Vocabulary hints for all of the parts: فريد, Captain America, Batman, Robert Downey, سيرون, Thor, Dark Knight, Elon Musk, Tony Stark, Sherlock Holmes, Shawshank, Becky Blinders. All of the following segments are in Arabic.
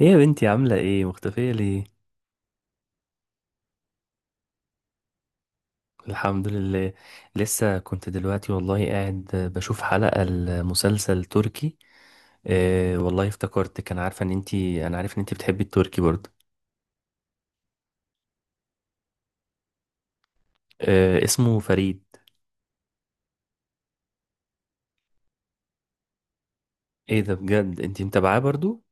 ايه يا بنتي؟ عاملة ايه؟ مختفية ليه؟ الحمد لله. لسه كنت دلوقتي والله قاعد بشوف حلقة المسلسل تركي. آه والله افتكرت كان عارفة ان انتي انا عارف ان انتي بتحبي التركي برضه. آه اسمه فريد. ايه ده؟ بجد انتي متابعاه برضه؟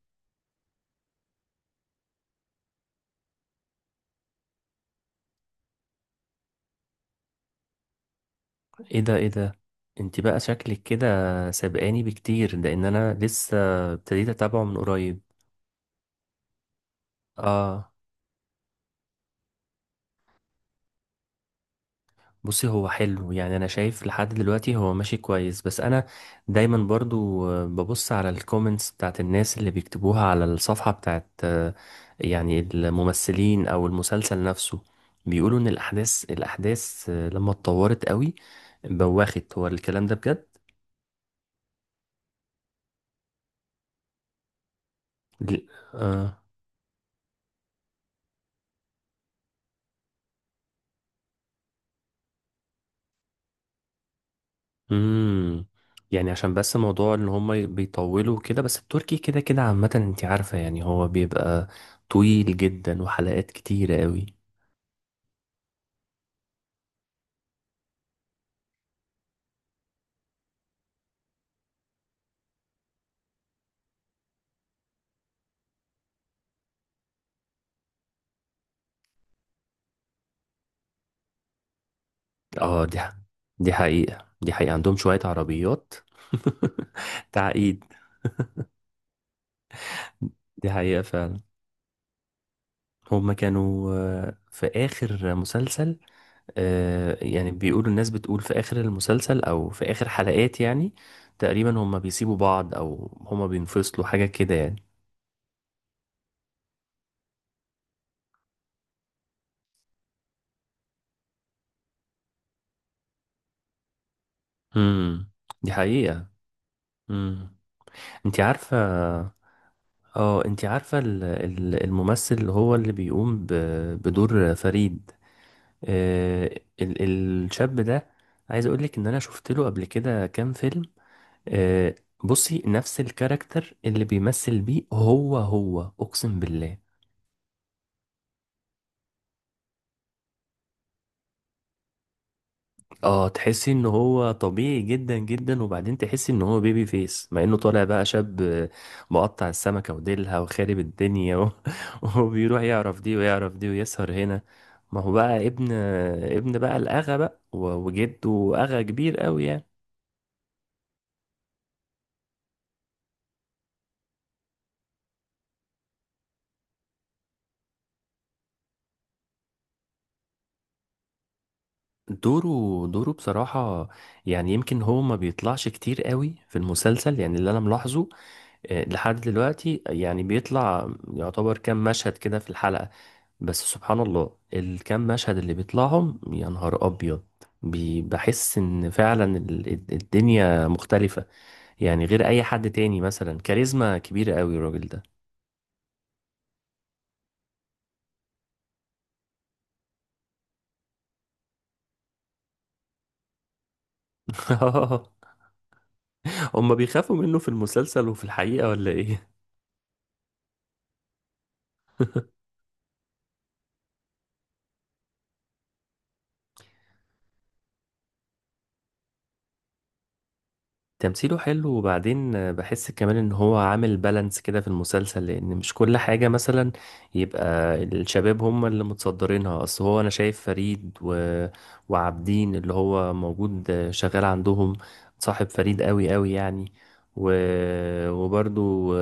ايه ده ايه ده، انتي بقى شكلك كده سابقاني بكتير لان انا لسه ابتديت اتابعه من قريب. اه، بصي هو حلو، يعني انا شايف لحد دلوقتي هو ماشي كويس، بس انا دايما برضو ببص على الكومنتس بتاعت الناس اللي بيكتبوها على الصفحة بتاعت يعني الممثلين او المسلسل نفسه. بيقولوا ان الاحداث لما اتطورت قوي. بواخت هو الكلام ده بجد؟ ل- آه. امم. يعني عشان بس موضوع ان هم بيطولوا كده، بس التركي كده كده عامة انت عارفة، يعني هو بيبقى طويل جدا وحلقات كتيرة قوي. اه دي حقيقة، دي حقيقة عندهم شوية عربيات. تعقيد. دي حقيقة فعلا. هما كانوا في آخر مسلسل، يعني بيقولوا، الناس بتقول في آخر المسلسل أو في آخر حلقات يعني تقريبا هما بيسيبوا بعض أو هما بينفصلوا حاجة كده يعني. امم. دي حقيقة. امم. انت عارفة، اه انت عارفة الممثل اللي بيقوم بدور فريد، آه، ال- الشاب ده، عايز اقول لك ان انا شفت له قبل كده كام فيلم. آه، بصي، نفس الكاركتر اللي بيمثل بيه، هو اقسم بالله. اه، تحسي ان هو طبيعي جدا جدا، وبعدين تحسي ان هو بيبي فيس مع انه طالع بقى شاب. مقطع السمكة وديلها وخارب الدنيا و... وبيروح يعرف دي ويعرف دي ويسهر هنا. ما هو بقى ابن بقى الأغا بقى وجده أغا كبير قوي يعني. دوره دوره بصراحة، يعني يمكن هو ما بيطلعش كتير قوي في المسلسل، يعني اللي أنا ملاحظه لحد دلوقتي، يعني بيطلع يعتبر كام مشهد كده في الحلقة، بس سبحان الله الكام مشهد اللي بيطلعهم يا نهار أبيض. بحس إن فعلا الدنيا مختلفة، يعني غير أي حد تاني، مثلا كاريزما كبيرة قوي الراجل ده. هما بيخافوا منه في المسلسل وفي الحقيقة ولا إيه؟ تمثيله حلو، وبعدين بحس كمان ان هو عامل بالانس كده في المسلسل، لان مش كل حاجة مثلا يبقى الشباب هم اللي متصدرينها، اصل هو انا شايف فريد وعابدين اللي هو موجود شغال عندهم، صاحب فريد قوي قوي يعني، و... وبرضو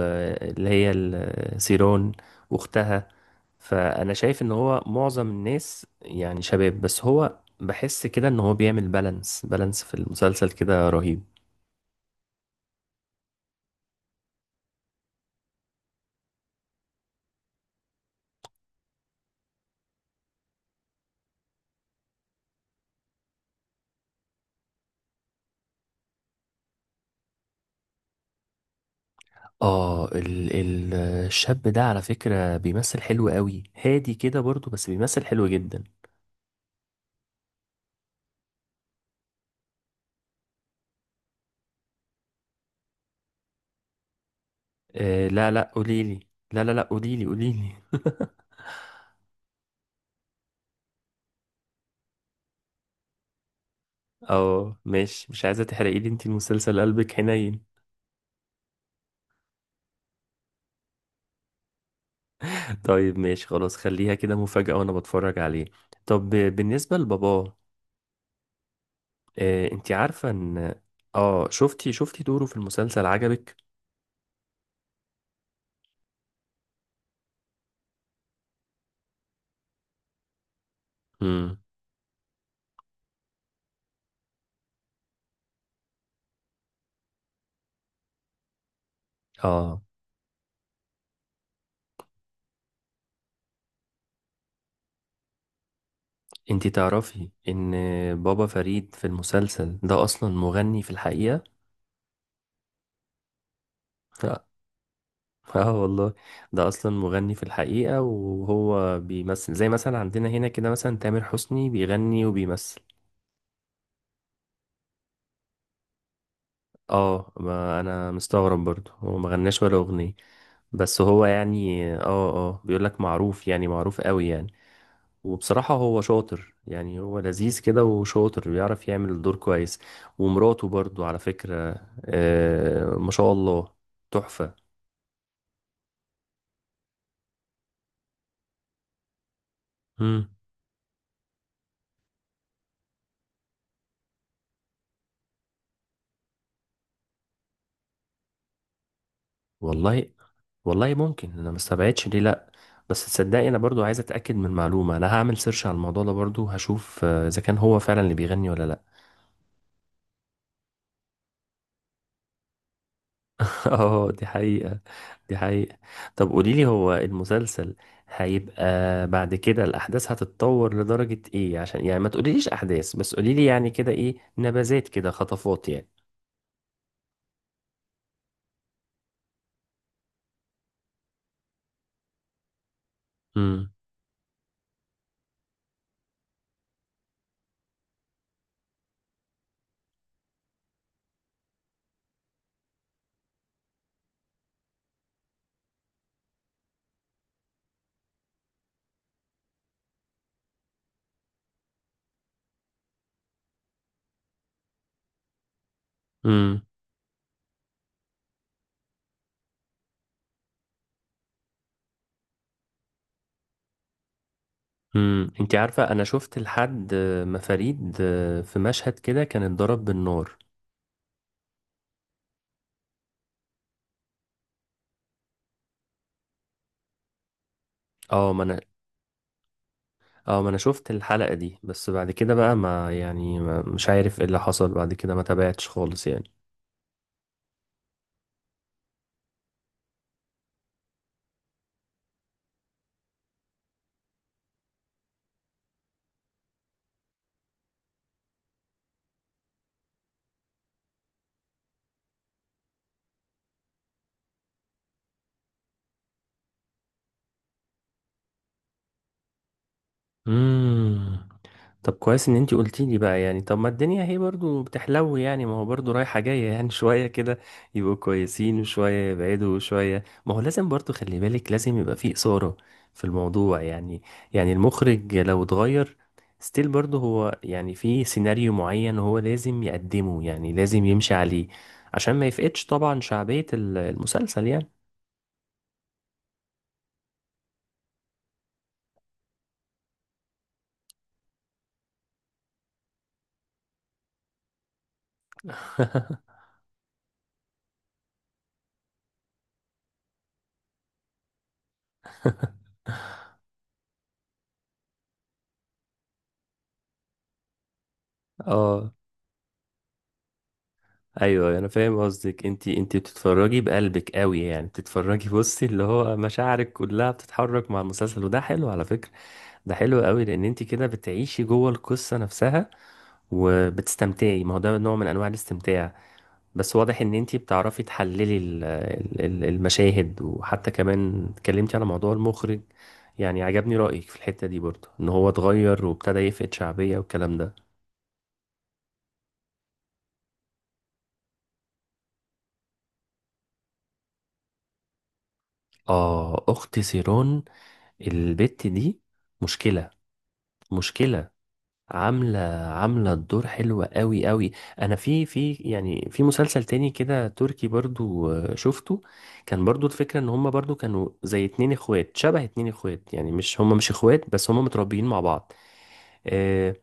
اللي هي سيرون واختها. فانا شايف ان هو معظم الناس يعني شباب، بس هو بحس كده ان هو بيعمل بالانس بالانس في المسلسل كده رهيب. اه ال ال الشاب ده على فكرة بيمثل حلو قوي، هادي كده برضو، بس بيمثل حلو جدا. آه، لا لا قوليلي. لا لا لا، قوليلي قوليلي. اه ماشي، مش عايزة تحرقي لي انت المسلسل، قلبك حنين. طيب ماشي خلاص، خليها كده مفاجأة وانا بتفرج عليه. طب بالنسبة لباباه، انت عارفة ان، اه شفتي دوره في المسلسل عجبك؟ امم. اه انت تعرفي ان بابا فريد في المسلسل ده اصلا مغني في الحقيقة. اه. آه والله، ده اصلا مغني في الحقيقة، وهو بيمثل زي مثلا عندنا هنا كده، مثلا تامر حسني بيغني وبيمثل. اه، ما انا مستغرب برضه، هو ما غناش ولا اغنية، بس هو يعني، بيقولك معروف يعني، معروف قوي يعني. وبصراحة هو شاطر يعني، هو لذيذ كده وشاطر، بيعرف يعمل الدور كويس. ومراته برضه على فكرة، آه ما شاء الله، تحفة. مم. والله، والله ممكن، انا ما استبعدش ليه، لا. بس تصدقي انا برضو عايز اتاكد من معلومه، انا هعمل سيرش على الموضوع ده برضو، هشوف اذا كان هو فعلا اللي بيغني ولا لا. اه دي حقيقه، دي حقيقه. طب قولي لي، هو المسلسل هيبقى بعد كده الاحداث هتتطور لدرجه ايه؟ عشان يعني ما تقوليليش احداث، بس قولي لي يعني كده ايه، نبذات كده، خطفات يعني. امم، امم، امم. انت عارفه انا شفت لحد ما فريد في مشهد كده كان اتضرب بالنار. اه ما انا اه ما انا شفت الحلقة دي، بس بعد كده بقى، ما يعني، ما مش عارف ايه اللي حصل بعد كده، ما تابعتش خالص يعني. امم. طب كويس ان انتي قلتي لي بقى، يعني طب ما الدنيا هي برضو بتحلو يعني، ما هو برضو رايحة جاية يعني، شوية كده يبقوا كويسين، وشوية يبعدوا، وشوية، ما هو لازم برضو، خلي بالك، لازم يبقى فيه إثارة في الموضوع يعني. يعني المخرج لو اتغير ستيل برضو هو يعني، في سيناريو معين هو لازم يقدمه، يعني لازم يمشي عليه عشان ما يفقدش طبعا شعبية المسلسل يعني. اه ايوه، أيوه، انا فاهم قصدك، انت بتتفرجي بقلبك قوي، يعني بتتفرجي بصي، اللي هو مشاعرك كلها بتتحرك مع المسلسل، وده حلو على فكره. ده حلو قوي لان انت كده بتعيشي جوه القصه نفسها وبتستمتعي، ما هو ده نوع من انواع الاستمتاع. بس واضح ان انت بتعرفي تحللي المشاهد، وحتى كمان اتكلمتي على موضوع المخرج، يعني عجبني رأيك في الحتة دي برضه، ان هو اتغير وابتدى يفقد شعبية والكلام ده. اه اخت سيرون، البت دي، مشكلة، مشكلة، عاملة، عاملة الدور حلوة قوي قوي. انا في يعني في مسلسل تاني كده تركي برضو، شفته، كان برضو الفكرة ان هما برضو كانوا زي اتنين اخوات، شبه اتنين اخوات، يعني مش هما، مش اخوات، بس هما متربيين مع بعض. آه،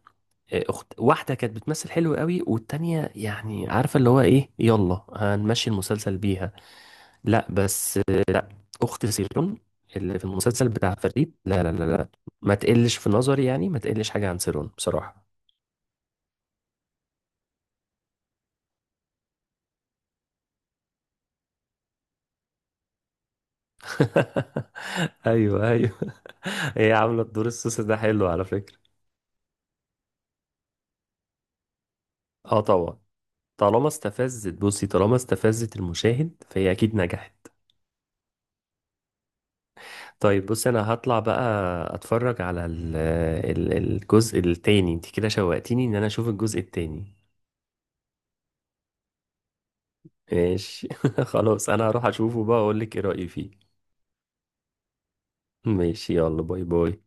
اخت واحدة كانت بتمثل حلو قوي، والتانية يعني عارفة اللي هو ايه، يلا هنمشي المسلسل بيها. لا بس اخت سيرون اللي في المسلسل بتاع فريد، لا لا لا لا، ما تقلش في نظري، يعني ما تقلش حاجة عن سيرون بصراحة. ايوه ايوه، هي عامله الدور السوسي ده حلو على فكره. اه طبعا، طالما استفزت، بصي طالما استفزت المشاهد فهي اكيد نجحت. طيب بصي، انا هطلع بقى اتفرج على ال ال الجزء التاني، انت كده شوقتيني ان انا اشوف الجزء التاني. ماشي، خلاص انا هروح اشوفه بقى اقول لك ايه رايي فيه. ماشي، يلا باي باي.